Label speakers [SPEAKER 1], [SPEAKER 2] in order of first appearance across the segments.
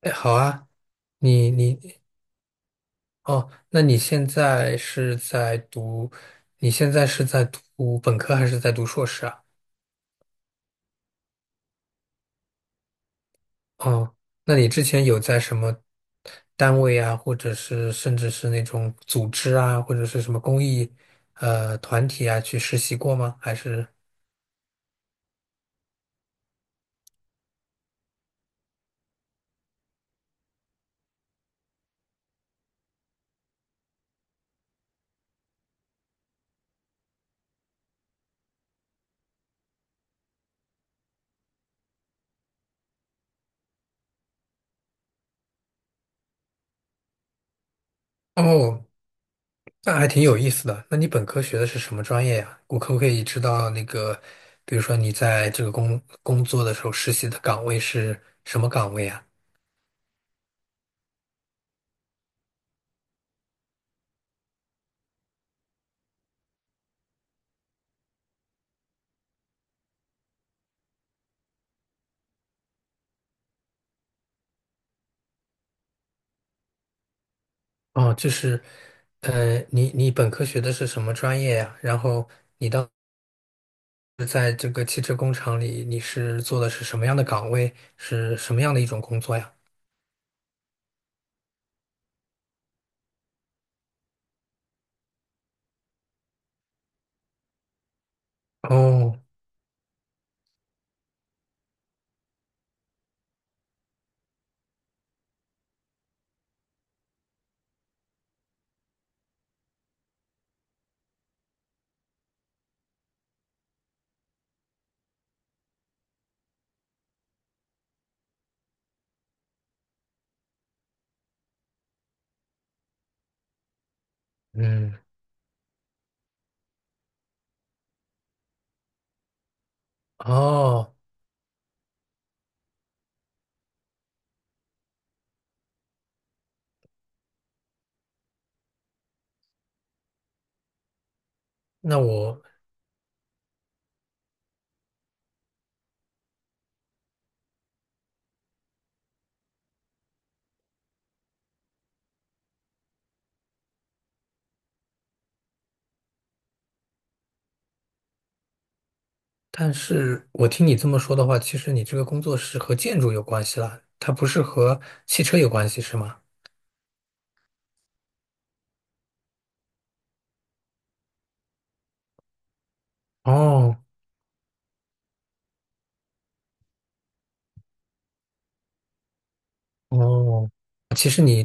[SPEAKER 1] 哎，好啊，你。哦，那你现在是在读，你现在是在读本科还是在读硕士啊？哦，那你之前有在什么单位啊，或者是甚至是那种组织啊，或者是什么公益团体啊去实习过吗？还是？哦，那还挺有意思的。那你本科学的是什么专业呀？我可不可以知道那个，比如说你在这个工作的时候实习的岗位是什么岗位啊？哦，就是，你本科学的是什么专业呀？然后在这个汽车工厂里，你是做的是什么样的岗位？是什么样的一种工作呀？哦。嗯。哦。那我，但是我听你这么说的话，其实你这个工作是和建筑有关系啦，它不是和汽车有关系，是吗？哦。哦。其实你，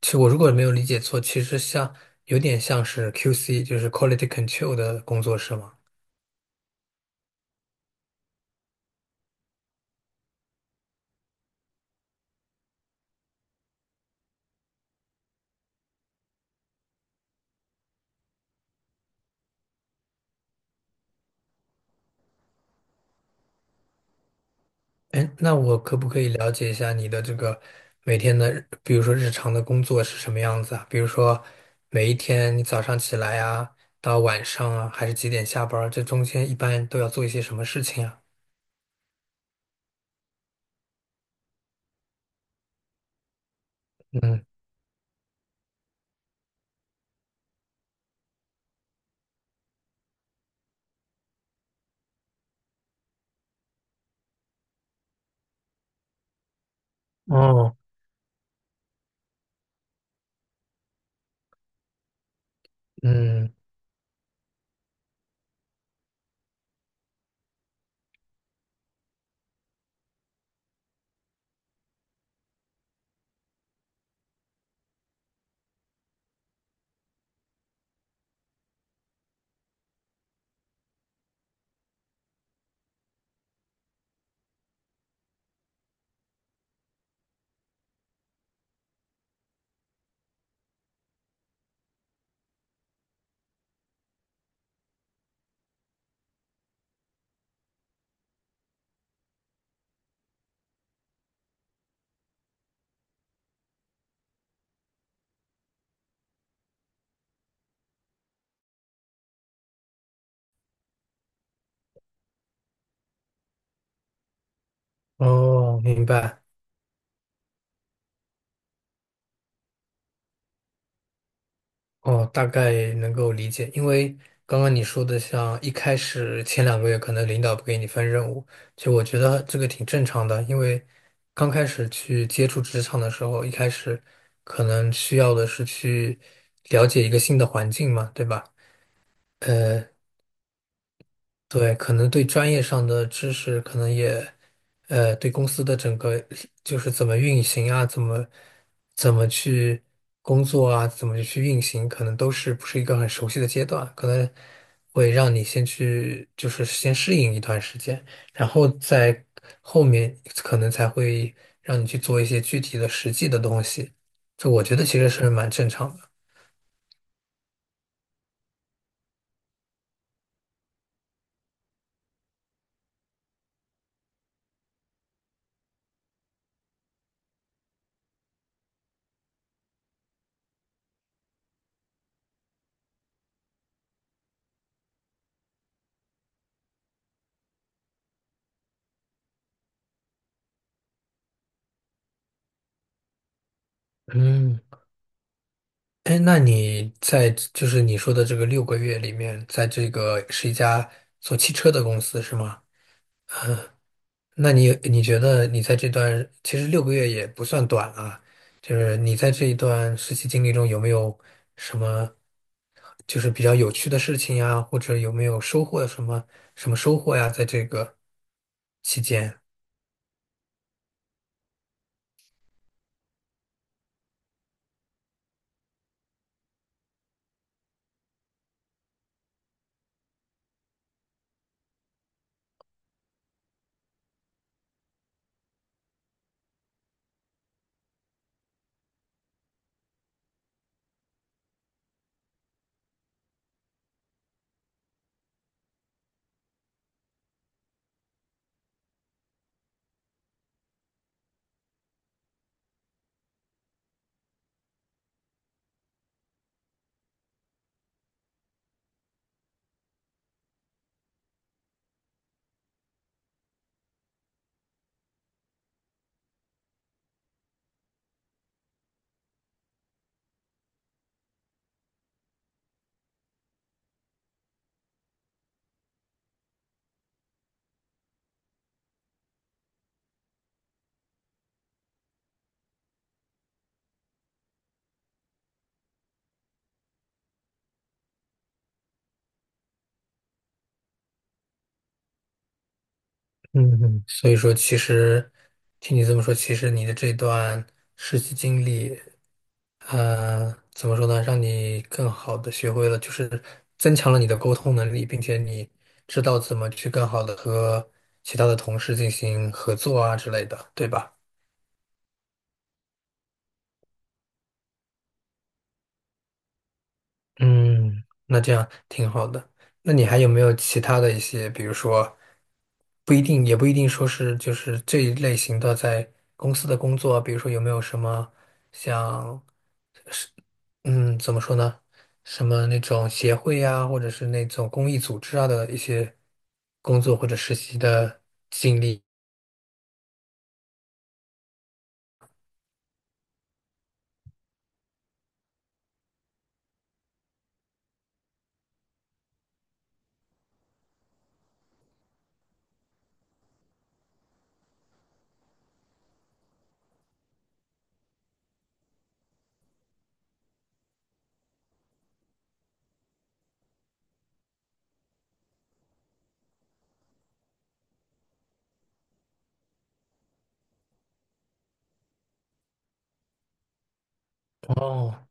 [SPEAKER 1] 其实我如果没有理解错，其实有点像是 QC，就是 Quality Control 的工作，是吗？哎，那我可不可以了解一下你的这个每天的日，比如说日常的工作是什么样子啊？比如说每一天你早上起来啊，到晚上啊，还是几点下班儿这中间一般都要做一些什么事情啊？嗯。哦。嗯。哦，明白。哦，大概能够理解，因为刚刚你说的，像一开始前2个月可能领导不给你分任务，其实我觉得这个挺正常的，因为刚开始去接触职场的时候，一开始可能需要的是去了解一个新的环境嘛，对吧？呃。对，可能对专业上的知识，可能也，对公司的整个就是怎么运行啊，怎么去工作啊，怎么去运行，可能都是不是一个很熟悉的阶段，可能会让你先去就是先适应一段时间，然后在后面可能才会让你去做一些具体的实际的东西，这我觉得其实是蛮正常的。嗯。哎，那你在就是你说的这个六个月里面，在这个是一家做汽车的公司是吗？那你觉得你在这段其实六个月也不算短啊，就是你在这一段实习经历中有没有什么就是比较有趣的事情呀，或者有没有收获什么收获呀，在这个期间？嗯嗯，所以说，其实听你这么说，其实你的这段实习经历，怎么说呢，让你更好的学会了，就是增强了你的沟通能力，并且你知道怎么去更好的和其他的同事进行合作啊之类的，对吧？嗯，那这样挺好的。那你还有没有其他的一些，比如说，不一定，也不一定说是就是这一类型的在公司的工作，比如说有没有什么像，嗯，怎么说呢，什么那种协会啊，或者是那种公益组织啊的一些工作或者实习的经历？哦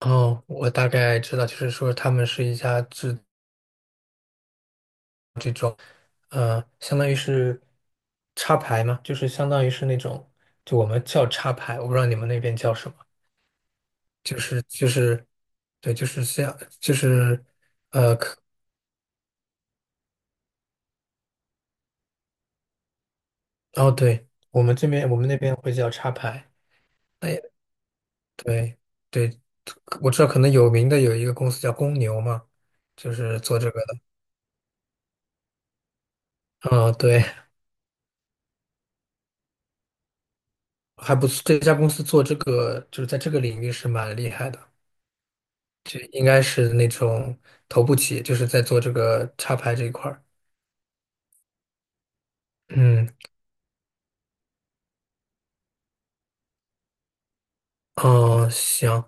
[SPEAKER 1] 哦，我大概知道，就是说他们是一家制。相当于是插排嘛，就是相当于是那种，就我们叫插排，我不知道你们那边叫什么，就是，对，就是这样，就是，哦，对，我们那边会叫插排，哎，对对，我知道可能有名的有一个公司叫公牛嘛，就是做这个的，嗯，对，还不错，这家公司做这个就是在这个领域是蛮厉害的，就应该是那种头部企业，就是在做这个插排这一块儿，嗯。哦，行，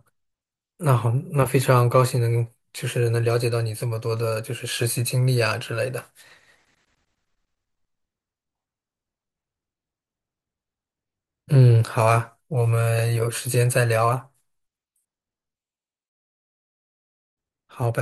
[SPEAKER 1] 那好，那非常高兴能就是能了解到你这么多的，就是实习经历啊之类的。嗯，好啊，我们有时间再聊啊。好，拜。